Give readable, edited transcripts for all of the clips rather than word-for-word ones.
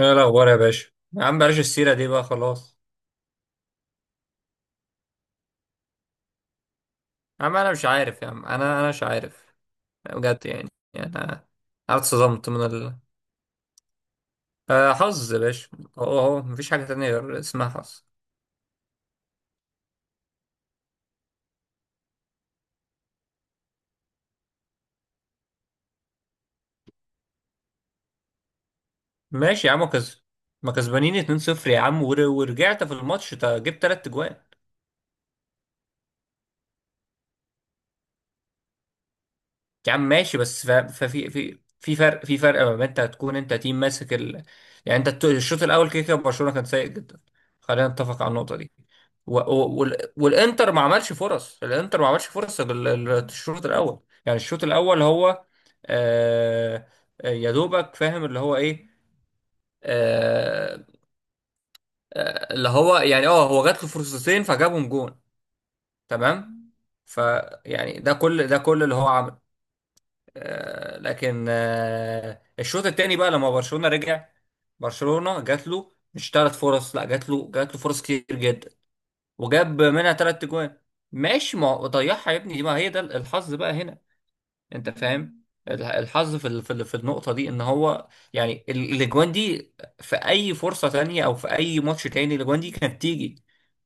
ايه الاخبار يا باشا، يا عم بلاش السيره دي بقى خلاص. يا عم انا مش عارف يا عم، انا مش عارف بجد. يعني انا أنا اتصدمت من ال آه، حظ يا باشا. اهو مفيش حاجه تانية غير اسمها حظ. ماشي يا عم كز، ما كسبانين 2-0 يا عم، ورجعت في الماتش، جبت تلات اجوان. يا عم ماشي بس ف- ففي في في فرق في فرق ما بين انت هتكون انت تيم ماسك يعني انت الشوط الاول كده كده برشلونه كان سيء جدا. خلينا نتفق على النقطه دي. والانتر ما عملش فرص، الانتر ما عملش فرص غير الشوط الاول. يعني الشوط الاول هو آه... يا دوبك فاهم اللي هو ايه. آه... اللي هو يعني اه هو جات له فرصتين فجابهم جون. تمام. فيعني ده كل ده كل اللي هو عمله. لكن الشوط الثاني بقى لما برشلونة رجع. برشلونة جات له مش ثلاث فرص، لا جات له، فرص كتير جدا. وجاب منها ثلاث جوان. ماشي ما هو ضيعها يا ابني، دي ما هي ده الحظ بقى هنا. انت فاهم الحظ في في النقطة دي ان هو يعني الاجوان دي في اي فرصة تانية او في اي ماتش تاني الاجوان دي كانت تيجي.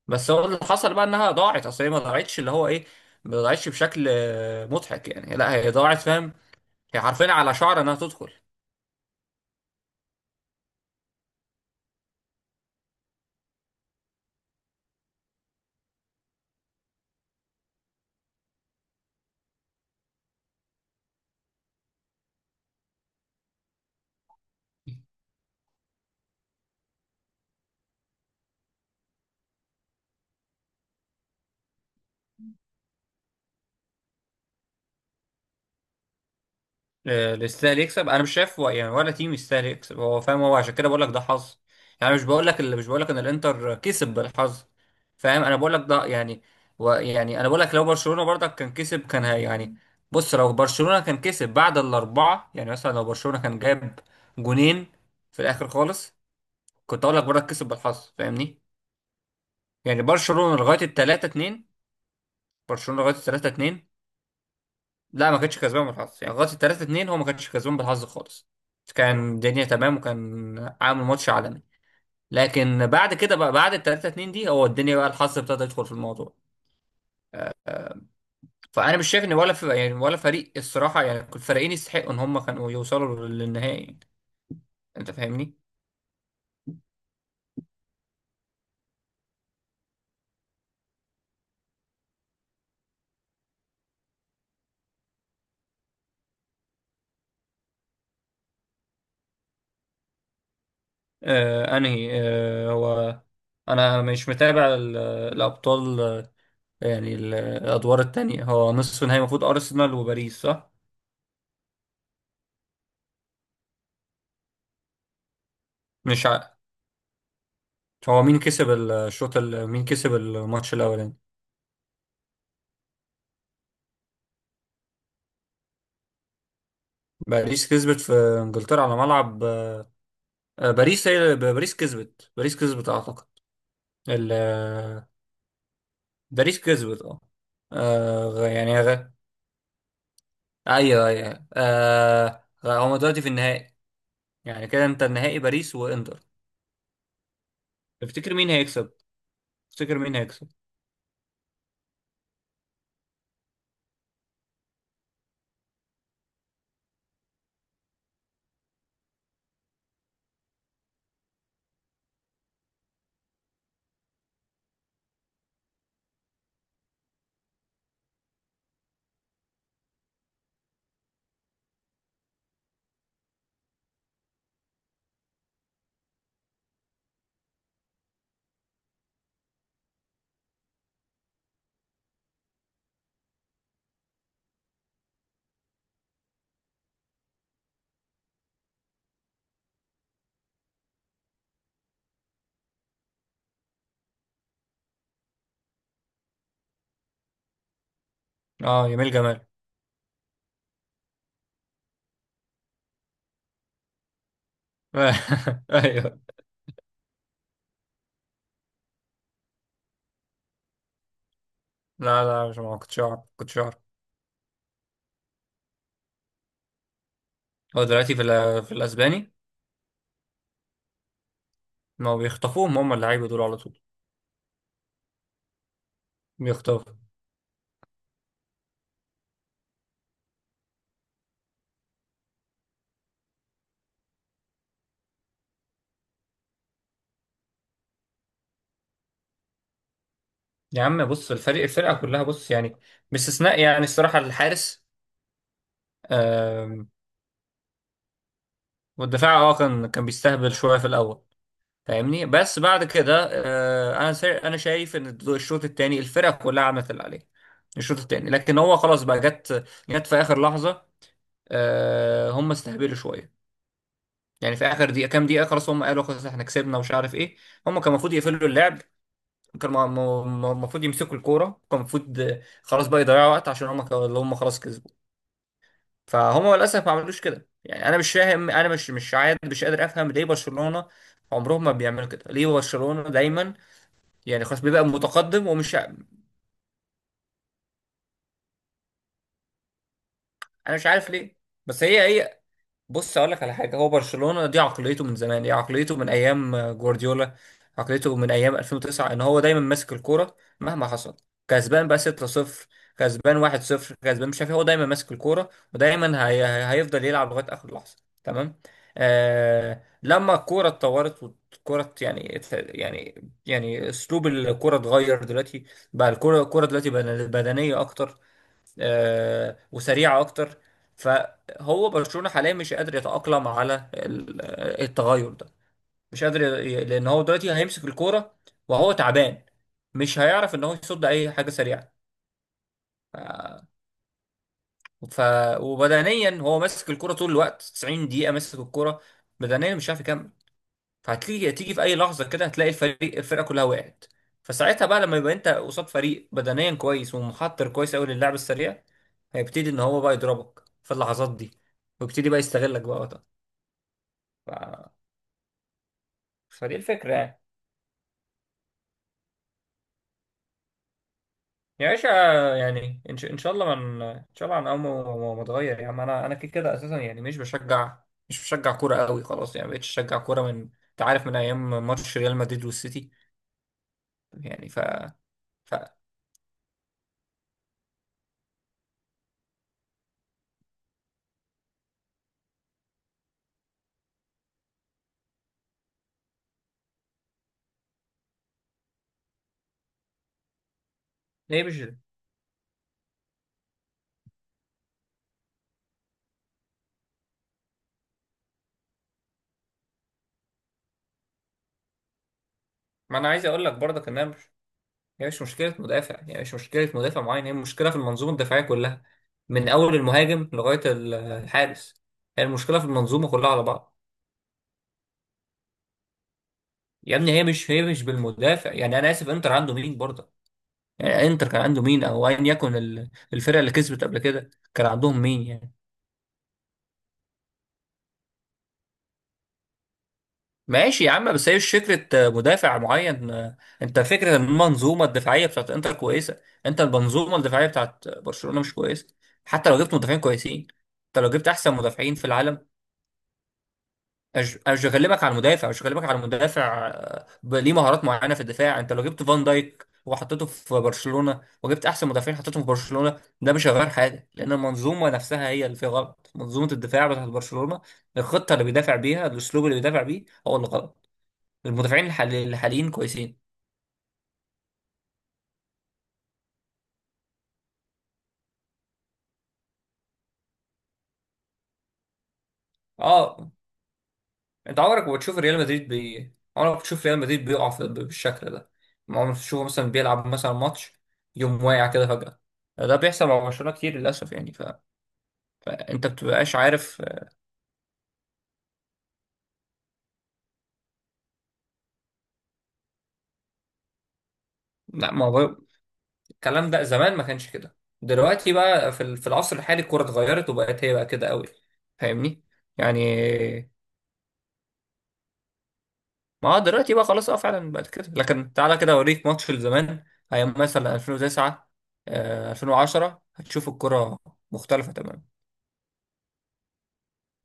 بس هو اللي حصل بقى انها ضاعت، اصل هي ما ضاعتش اللي هو ايه، ما ضاعتش بشكل مضحك يعني، لا هي ضاعت فاهم. هي حرفيا على شعر انها تدخل. اللي يستاهل يكسب انا مش شايف يعني ولا تيم يستاهل يكسب، هو فاهم، هو عشان كده بقول لك ده حظ. يعني مش بقول لك، ان الانتر كسب بالحظ، فاهم. انا بقول لك ده يعني. و يعني انا بقول لك لو برشلونة برضك كان كسب كان هي يعني، بص لو برشلونة كان كسب بعد الاربعة، يعني مثلا لو برشلونة كان جاب جونين في الاخر خالص، كنت اقول لك برضك كسب بالحظ فاهمني. يعني برشلونة لغاية 3-2، برشلونة لغاية التلاتة اتنين لا ما كانش كسبان بالحظ، يعني لغايه 3-2 هو ما كانش كسبان بالحظ خالص، كان الدنيا تمام وكان عامل ماتش عالمي. لكن بعد كده بقى بعد 3-2 دي هو الدنيا بقى الحظ ابتدى يدخل في الموضوع. فانا مش شايف ان ولا في يعني ولا فريق الصراحه، يعني كل الفريقين يستحقوا ان هم كانوا يوصلوا للنهائي يعني. انت فاهمني. آه انهي آه هو، انا مش متابع الابطال يعني الادوار التانية، هو نصف النهائي المفروض ارسنال وباريس صح؟ مش ع... هو مين كسب الشوط مين كسب الماتش الاولاني؟ باريس كسبت في انجلترا على ملعب، باريس، هي باريس كسبت، باريس كسبت اعتقد ال- آه، باريس كسبت اه، آه، غ- يعني غ... ايوه ايوه أيوه. هما دلوقتي في النهائي. يعني كده انت النهائي باريس وانتر. تفتكر مين هيكسب؟ تفتكر مين هيكسب اه يميل جمال. ايوه. لا مش، ما كنتش اعرف، هو دلوقتي في في الاسباني، ما بيخطفوهم هم اللعيبه دول على طول. بيخطفوا. يا عم بص الفريق الفرقة كلها بص يعني، باستثناء يعني الصراحة الحارس. آم، والدفاع اه كان كان بيستهبل شوية في الأول فاهمني، بس بعد كده أنا أنا شايف إن الشوط التاني الفرقة كلها عملت اللي عليها الشوط التاني، لكن هو خلاص بقى جت، في آخر لحظة. هم استهبلوا شوية يعني في آخر دقيقة كام دقيقة خلاص، هم قالوا خلاص إحنا كسبنا ومش عارف إيه. هم كان المفروض يقفلوا اللعب، كان المفروض يمسكوا الكورة، كان المفروض خلاص بقى يضيعوا وقت عشان هم، هم خلاص كسبوا. فهم للاسف ما عملوش كده. يعني انا مش فاهم، انا مش عاد مش قادر افهم ليه برشلونه عمرهم ما بيعملوا كده، ليه برشلونه دايما يعني خلاص بيبقى متقدم ومش انا مش عارف ليه. بس هي بص اقول لك على حاجه، هو برشلونه دي عقليته من زمان، دي عقليته من ايام جوارديولا، عقليته من ايام 2009 ان هو دايما ماسك الكوره مهما حصل. كسبان بقى 6-0، كسبان 1-0، كسبان مش عارف إيه، هو دايما ماسك الكوره، ودايما هيفضل يلعب لغايه اخر لحظه. تمام. لما الكوره اتطورت والكوره يعني اسلوب الكوره اتغير دلوقتي، بقى الكوره دلوقتي بدنيه اكتر وسريعة أكتر. فهو برشلونة حاليا مش قادر يتأقلم على التغير ده، مش قادر لأن هو دلوقتي هيمسك الكورة وهو تعبان، مش هيعرف إن هو يصد أي حاجة سريعة. ف... ف... وبدنيا هو ماسك الكورة طول الوقت 90 دقيقة ماسك الكورة، بدنيا مش عارف يكمل. فهتيجي، في اي لحظه كده هتلاقي الفريق الفرقه كلها وقعت. فساعتها بقى لما يبقى انت قصاد فريق بدنيا كويس ومحضر كويس قوي للعب السريع، هيبتدي ان هو بقى يضربك في اللحظات دي، ويبتدي بقى يستغلك بقى وقتها. ف... فدي الفكره يعني. يا باشا، يعني ان شاء إن شاء الله من ان شاء الله عن اول ما ما اتغير يا عم، انا كده كده اساسا يعني مش بشجع، كوره قوي خلاص يعني مبقتش اشجع كوره من، انت عارف من ايام ماتش ريال مدريد والسيتي. يعني ف ف ليه مش، ما انا عايز اقول لك برضك ان انا هي مش مشكلة مدافع، يعني مش مشكلة مدافع معين، هي مشكلة في المنظومة الدفاعية كلها من أول المهاجم لغاية الحارس. هي المشكلة في المنظومة كلها على بعض. يا ابني هي مش بالمدافع، يعني أنا آسف إنتر عنده مين برضه؟ يعني إنتر كان عنده مين أو أيا يكن الفرقة اللي كسبت قبل كده كان عندهم مين يعني؟ ماشي يا عم، بس هي مش فكرة مدافع معين، أنت فكرة إن المنظومة الدفاعية بتاعت إنتر كويسة، أنت المنظومة الدفاعية بتاعت برشلونة مش كويسة، حتى لو جبت مدافعين كويسين، أنت لو جبت أحسن مدافعين في العالم. اشغلبك على المدافع، ليه مهارات معينه في الدفاع. انت لو جبت فان دايك وحطيته في برشلونه وجبت احسن مدافعين حطيتهم في برشلونه ده مش هيغير حاجه، لان المنظومه نفسها هي اللي فيها غلط، منظومه الدفاع بتاعت برشلونه، الخطه اللي بيدافع بيها الاسلوب اللي بيدافع بيه هو اللي غلط. المدافعين الحاليين كويسين. اه. انت عمرك ما تشوف ريال مدريد عمرك ما تشوف ريال مدريد بيقع بالشكل ده. عمرك ما تشوفه مثلا بيلعب مثلا ماتش، يوم واقع كده فجاه. ده بيحصل مع برشلونه كتير للاسف يعني. انت بتبقاش عارف. لا ما هو الكلام ده زمان ما كانش كده، دلوقتي بقى في في العصر الحالي الكوره اتغيرت وبقت هي بقى كده قوي فاهمني. يعني ما هو دلوقتي بقى خلاص اه فعلا بقت كده، لكن تعالى كده اوريك ماتش لزمان، ايام مثلا 2009 2010 هتشوف الكوره مختلفه تماما.